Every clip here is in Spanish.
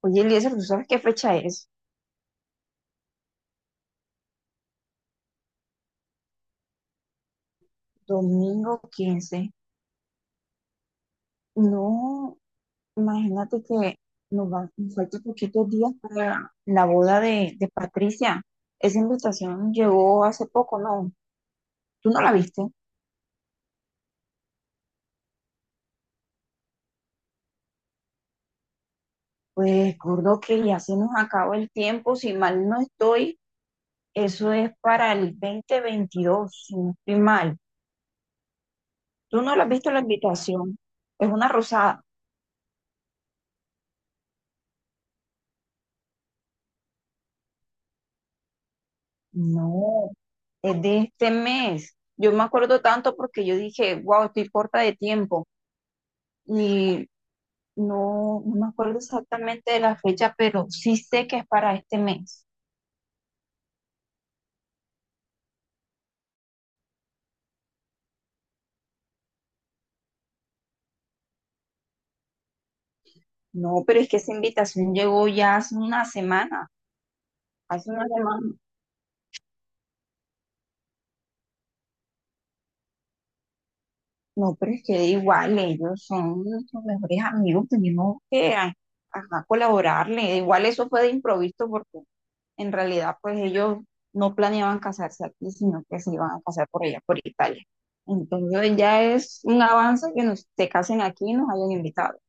Oye, Eliezer, ¿tú sabes qué fecha es? Domingo 15. No, imagínate que nos faltan poquitos días para la boda de Patricia. Esa invitación llegó hace poco, ¿no? ¿Tú no la viste? Pues recuerdo que ya se nos acaba el tiempo, si mal no estoy, eso es para el 2022, si no estoy mal. ¿Tú no la has visto la invitación? Es una rosada. No, es de este mes. Yo me acuerdo tanto porque yo dije, wow, estoy corta de tiempo. Y no, no me acuerdo exactamente de la fecha, pero sí sé que es para este mes. No, pero es que esa invitación llegó ya hace una semana, hace una semana. No, pero es que igual ellos son nuestros mejores amigos, tenemos que ajá, colaborarle. Igual eso fue de improviso porque en realidad, pues ellos no planeaban casarse aquí, sino que se iban a casar por allá, por Italia. Entonces ya es un avance que nos se casen aquí y nos hayan invitado.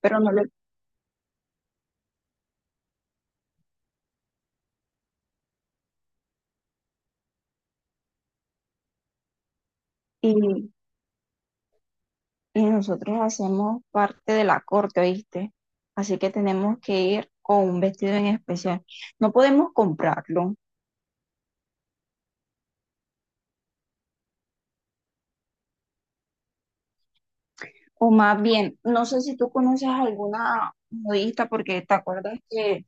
Pero no le- y, y nosotros hacemos parte de la corte, ¿oíste? Así que tenemos que ir con un vestido en especial. No podemos comprarlo. O más bien, no sé si tú conoces alguna modista, porque te acuerdas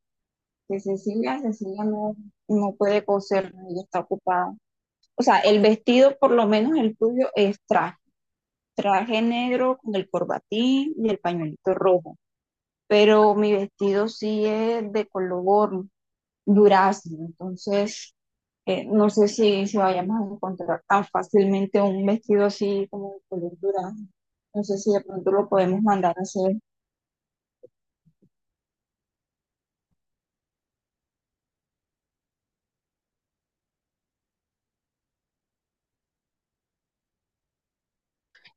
que Cecilia, Cecilia no, no puede coser, ella está ocupada. O sea, el vestido, por lo menos el tuyo, es traje, traje negro con el corbatín y el pañuelito rojo. Pero mi vestido sí es de color durazno, entonces no sé si vayamos a encontrar tan fácilmente un vestido así como de color durazno. No sé si de pronto lo podemos mandar a hacer.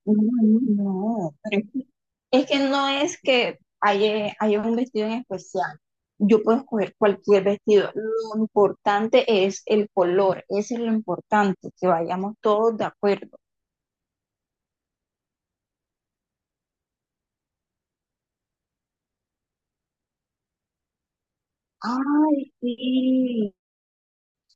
No, no. Es que no es que haya un vestido en especial. Yo puedo escoger cualquier vestido. Lo importante es el color. Eso es lo importante, que vayamos todos de acuerdo. Ay, sí.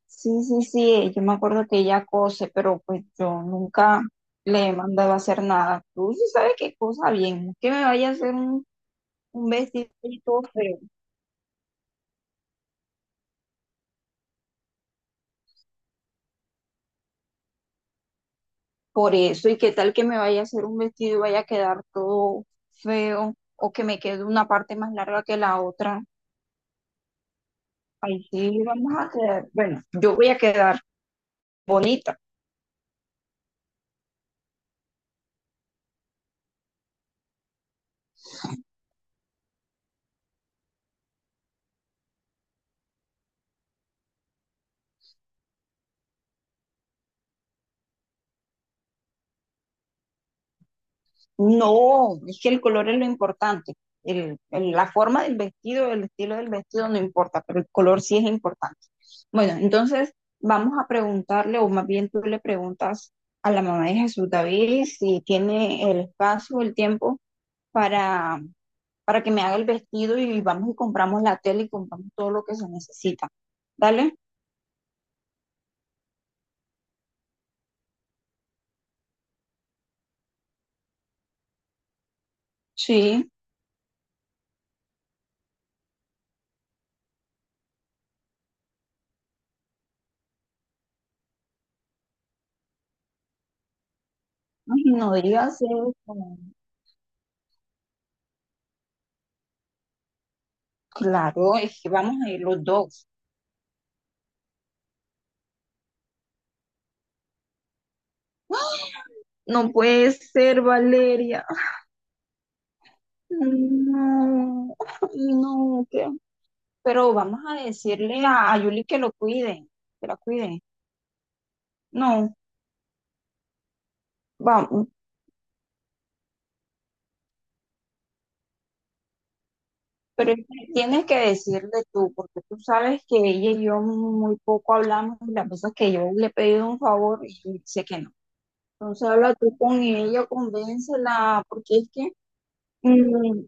Sí, sí, sí. Yo me acuerdo que ella cose, pero pues yo nunca le he mandado a hacer nada. Tú sí sabes qué cosa bien. No es que me vaya a hacer un vestido y todo feo. Por eso, ¿y qué tal que me vaya a hacer un vestido y vaya a quedar todo feo o que me quede una parte más larga que la otra? Ahí sí vamos a quedar, bueno, yo voy a quedar bonita. No, es que el color es lo importante. La forma del vestido, el estilo del vestido no importa, pero el color sí es importante. Bueno, entonces vamos a preguntarle, o más bien tú le preguntas a la mamá de Jesús David si tiene el espacio, el tiempo para para que me haga el vestido y vamos y compramos la tela y compramos todo lo que se necesita. ¿Dale? Sí. Ay, no digas eso. Claro, es que vamos a ir los dos. No puede ser, Valeria. No, no, ¿qué? Pero vamos a decirle a Yuli que lo cuide, que la cuide. No, vamos, pero es que tienes que decirle tú, porque tú sabes que ella y yo muy poco hablamos y las veces que yo le he pedido un favor y dice que no. Entonces habla tú con ella, convéncela, porque es que, mm,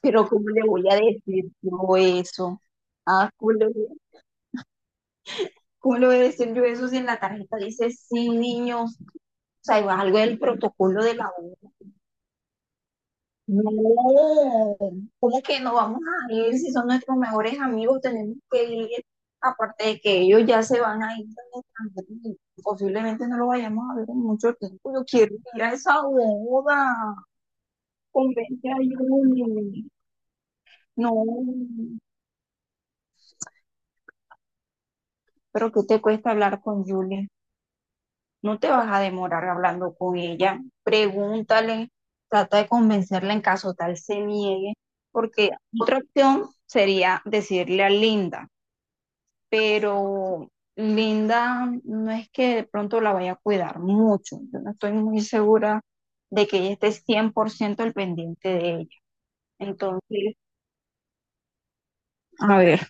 pero ¿cómo le voy a decir yo eso? Ah, ¿cómo le voy a decir yo eso si en la tarjeta dice sin niños? O sea, es algo del protocolo de la U. No, ¿cómo que no vamos a ir si son nuestros mejores amigos? Tenemos que ir, aparte de que ellos ya se van a ir al extranjero y posiblemente no lo vayamos a ver en mucho tiempo. Yo quiero ir a esa boda. Convence a Julie. No, pero ¿qué te cuesta hablar con Julie? No te vas a demorar hablando con ella. Pregúntale, trata de convencerla en caso tal se niegue, porque otra opción sería decirle a Linda, pero Linda no es que de pronto la vaya a cuidar mucho. Yo no estoy muy segura de que ella esté 100% al pendiente de ella. Entonces, a ver.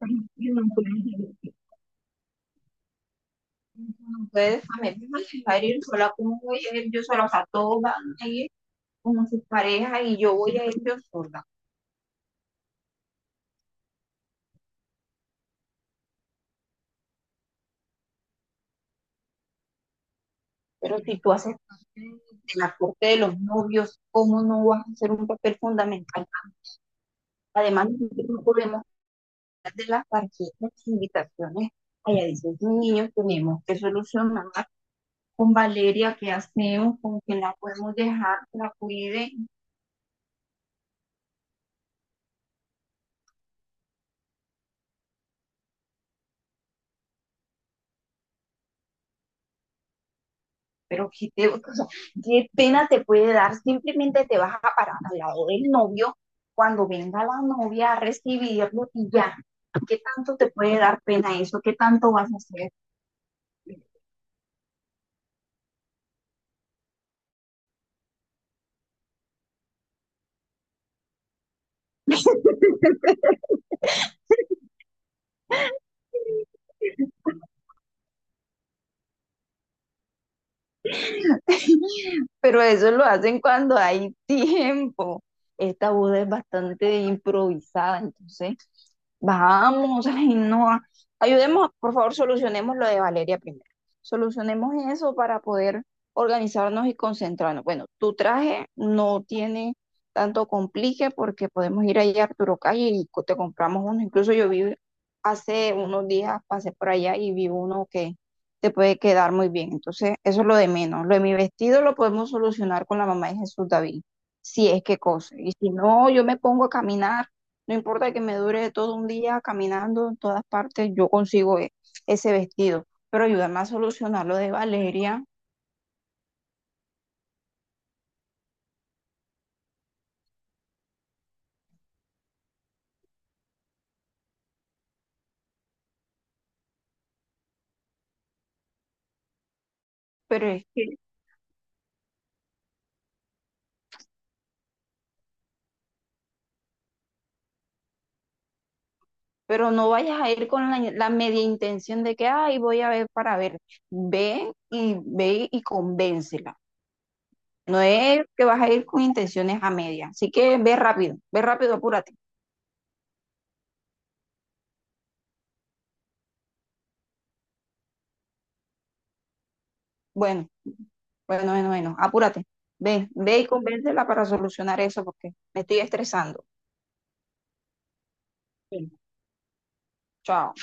Ustedes también me van a dejar ir sola como voy a ir yo sola, o sea, todos van a ir como sus parejas y yo voy a ir yo sola. Pero si tú haces parte de la corte de los novios, ¿cómo no vas a hacer un papel fundamental? Además, nosotros no podemos hablar de las tarjetas de invitaciones. Allá dicen niños, tenemos que solucionar con Valeria qué hacemos, con quién la podemos dejar, que la cuide, pero o sea, qué pena te puede dar, simplemente te vas a parar al lado del novio cuando venga la novia a recibirlo y ya. ¿Qué tanto te puede dar pena eso? ¿Qué tanto vas a hacer? Pero eso lo hacen cuando hay tiempo. Esta boda es bastante improvisada, entonces vamos, ay, no, ayudemos, por favor, solucionemos lo de Valeria primero. Solucionemos eso para poder organizarnos y concentrarnos. Bueno, tu traje no tiene tanto complique porque podemos ir allá a Arturo Calle y te compramos uno. Incluso yo vi hace unos días, pasé por allá y vi uno que te puede quedar muy bien. Entonces, eso es lo de menos. Lo de mi vestido lo podemos solucionar con la mamá de Jesús David, si es que cose. Y si no, yo me pongo a caminar, no importa que me dure todo un día caminando en todas partes, yo consigo ese vestido. Pero ayúdame a solucionar lo de Valeria, pero es que, pero no vayas a ir con la media intención de que, ay, voy a ver para ver. Ve y ve y convéncela. No es que vas a ir con intenciones a media. Así que ve rápido, apúrate. Bueno, bueno, apúrate. Ve, ve y convéncela para solucionar eso porque me estoy estresando. Bien. Chao.